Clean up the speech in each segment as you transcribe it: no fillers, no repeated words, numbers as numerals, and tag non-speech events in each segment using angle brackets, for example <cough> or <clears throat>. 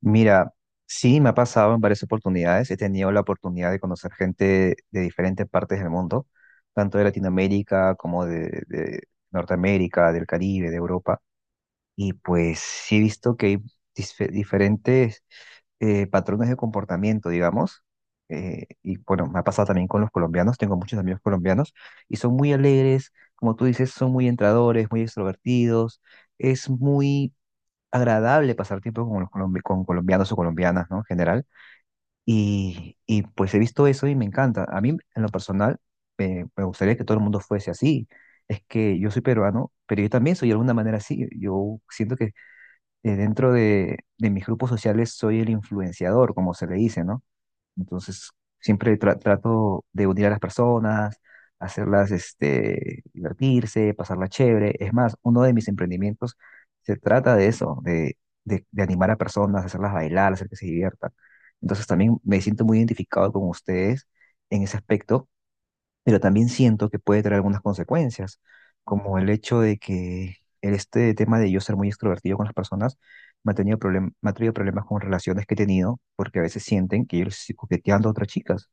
Mira, sí me ha pasado en varias oportunidades. He tenido la oportunidad de conocer gente de diferentes partes del mundo, tanto de Latinoamérica como de Norteamérica, del Caribe, de Europa. Y pues sí he visto que hay diferentes patrones de comportamiento, digamos. Y bueno, me ha pasado también con los colombianos. Tengo muchos amigos colombianos y son muy alegres, como tú dices, son muy entradores, muy extrovertidos. Es muy agradable pasar tiempo con, con colombianos o colombianas, ¿no? En general. Y pues he visto eso y me encanta. A mí, en lo personal, me gustaría que todo el mundo fuese así. Es que yo soy peruano, pero yo también soy de alguna manera así. Yo siento que dentro de mis grupos sociales soy el influenciador, como se le dice, ¿no? Entonces, siempre trato de unir a las personas, hacerlas este, divertirse, pasarla chévere. Es más, uno de mis emprendimientos se trata de eso, de animar a personas, hacerlas bailar, hacer que se diviertan. Entonces, también me siento muy identificado con ustedes en ese aspecto, pero también siento que puede traer algunas consecuencias, como el hecho de que este tema de yo ser muy extrovertido con las personas me ha traído problemas con relaciones que he tenido, porque a veces sienten que yo les estoy coqueteando a otras chicas.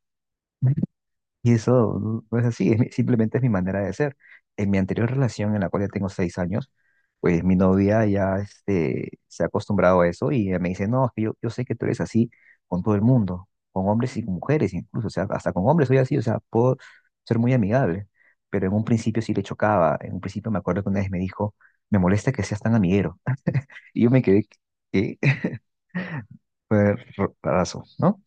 Y eso no es así, simplemente es mi manera de ser. En mi anterior relación, en la cual ya tengo 6 años, pues mi novia ya este, se ha acostumbrado a eso y ella me dice, no, es que yo sé que tú eres así con todo el mundo, con hombres y con mujeres incluso, o sea, hasta con hombres soy así, o sea, puedo ser muy amigable, pero en un principio sí le chocaba, en un principio me acuerdo que una vez me dijo, me molesta que seas tan amiguero, y yo me quedé, ¿qué? <laughs> Fue rarazo, ¿no?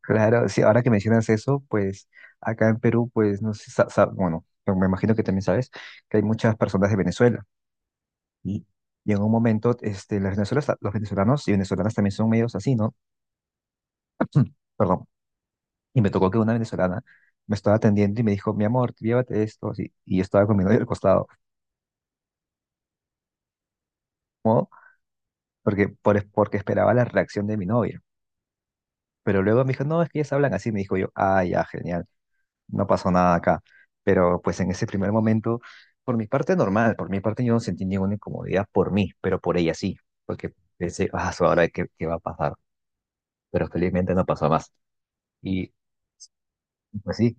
Claro, sí, ahora que mencionas eso, pues acá en Perú, pues no sé, bueno, pero me imagino que también sabes que hay muchas personas de Venezuela y, y en un momento este, las venezolanas, los venezolanos y venezolanas también son medios así, ¿no? <clears throat> Perdón. Y me tocó que una venezolana me estaba atendiendo y me dijo, mi amor, llévate esto, así, y yo estaba con mi novia al costado, ¿no? Porque esperaba la reacción de mi novia. Pero luego me dijo, no, es que ellas hablan así, me dijo yo, ah, ya, genial. No pasó nada acá. Pero pues en ese primer momento, por mi parte normal, por mi parte yo no sentí ninguna incomodidad por mí, pero por ella sí, porque pensé, ah, su, ahora qué va a pasar, pero felizmente no pasó más. Y pues sí,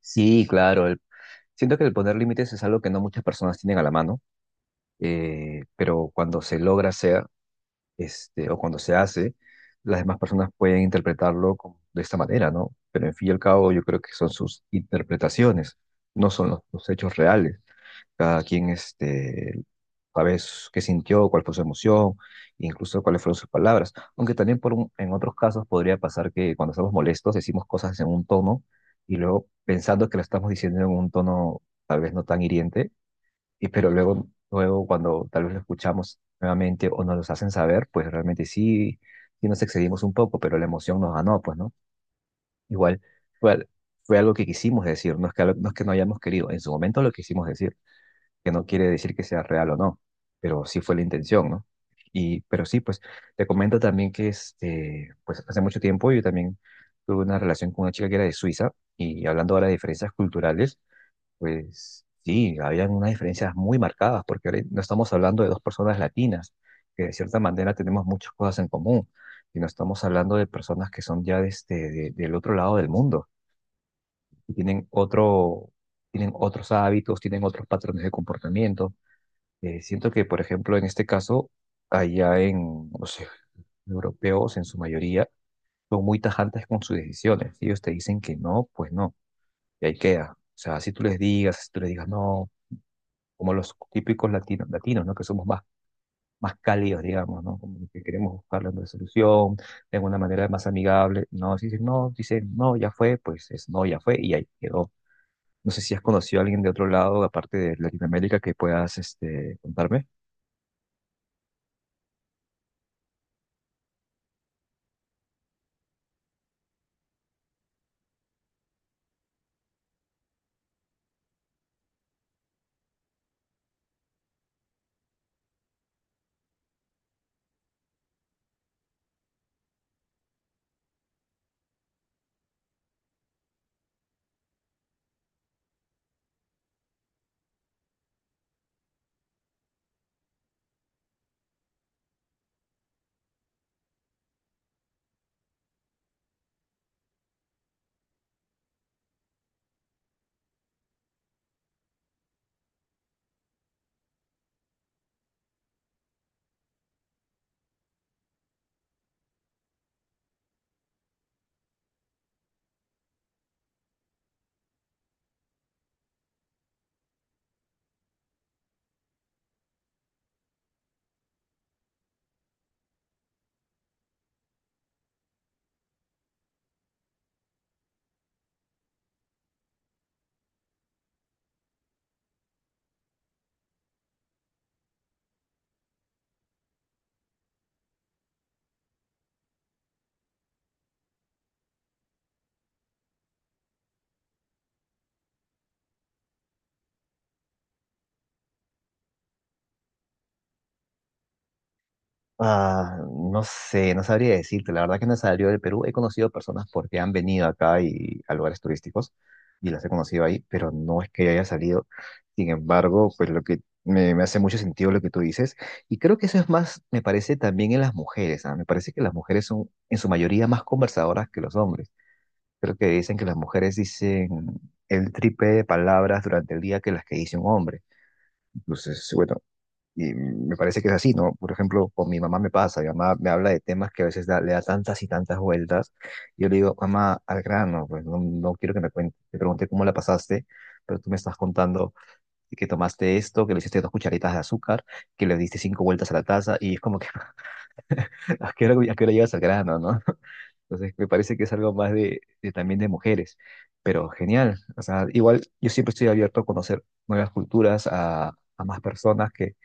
sí, claro, siento que el poner límites es algo que no muchas personas tienen a la mano, pero cuando se logra hacer, este, o cuando se hace, las demás personas pueden interpretarlo de esta manera, ¿no? Pero en fin y al cabo yo creo que son sus interpretaciones, no son los hechos reales. Cada quien este, a veces qué sintió, cuál fue su emoción, incluso cuáles fueron sus palabras. Aunque también en otros casos podría pasar que cuando estamos molestos decimos cosas en un tono y luego pensando que lo estamos diciendo en un tono tal vez no tan hiriente, y, pero luego, luego cuando tal vez lo escuchamos nuevamente o nos los hacen saber, pues realmente sí, sí nos excedimos un poco, pero la emoción nos ganó, pues, ¿no? Igual fue, fue algo que quisimos decir, no es que, no es que no hayamos querido, en su momento lo quisimos decir, que no quiere decir que sea real o no, pero sí fue la intención, ¿no? Y, pero sí, pues te comento también que este, pues hace mucho tiempo yo también tuve una relación con una chica que era de Suiza, y hablando ahora de diferencias culturales, pues sí, habían unas diferencias muy marcadas porque ahora no estamos hablando de dos personas latinas, que de cierta manera tenemos muchas cosas en común, y no estamos hablando de personas que son ya de este, del otro lado del mundo y tienen otro, tienen otros hábitos, tienen otros patrones de comportamiento. Siento que, por ejemplo, en este caso, allá en los europeos, en su mayoría, son muy tajantes con sus decisiones. Ellos te dicen que no, pues no, y ahí queda. O sea, si tú les digas, si tú les digas no, como los típicos latinos, latinos, ¿no? Que somos más, más cálidos, digamos, ¿no? Como que queremos buscar la solución de una manera más amigable. No, si dicen no, dicen no, ya fue, pues es no, ya fue, y ahí quedó. No sé si has conocido a alguien de otro lado, aparte de Latinoamérica, que puedas, este, contarme. Ah, no sé, no sabría decirte. La verdad que no he salido del Perú. He conocido personas porque han venido acá y a lugares turísticos y las he conocido ahí, pero no es que yo haya salido. Sin embargo, pues lo que me hace mucho sentido lo que tú dices. Y creo que eso es más, me parece también en las mujeres, ¿ah? Me parece que las mujeres son en su mayoría más conversadoras que los hombres. Creo que dicen que las mujeres dicen el triple de palabras durante el día que las que dice un hombre. Entonces, bueno, y me parece que es así, ¿no? Por ejemplo, con mi mamá me pasa, mi mamá me habla de temas que a veces le da tantas y tantas vueltas. Y yo le digo, mamá, al grano, pues no, no quiero que me cuentes. Te pregunté cómo la pasaste, pero tú me estás contando que tomaste esto, que le hiciste 2 cucharitas de azúcar, que le diste 5 vueltas a la taza, y es como que, <laughs> a qué hora llegas al grano, no? <laughs> Entonces, me parece que es algo más de también de mujeres, pero genial. O sea, igual yo siempre estoy abierto a conocer nuevas culturas, a más personas que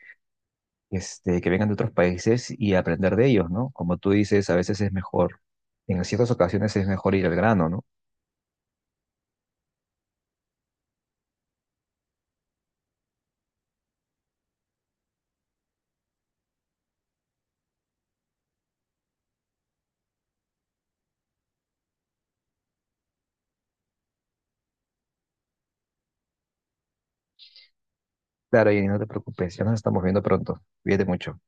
este, que vengan de otros países y aprender de ellos, ¿no? Como tú dices, a veces es mejor, en ciertas ocasiones es mejor ir al grano, ¿no? Claro, y no te preocupes, ya nos estamos viendo pronto. Cuídate mucho.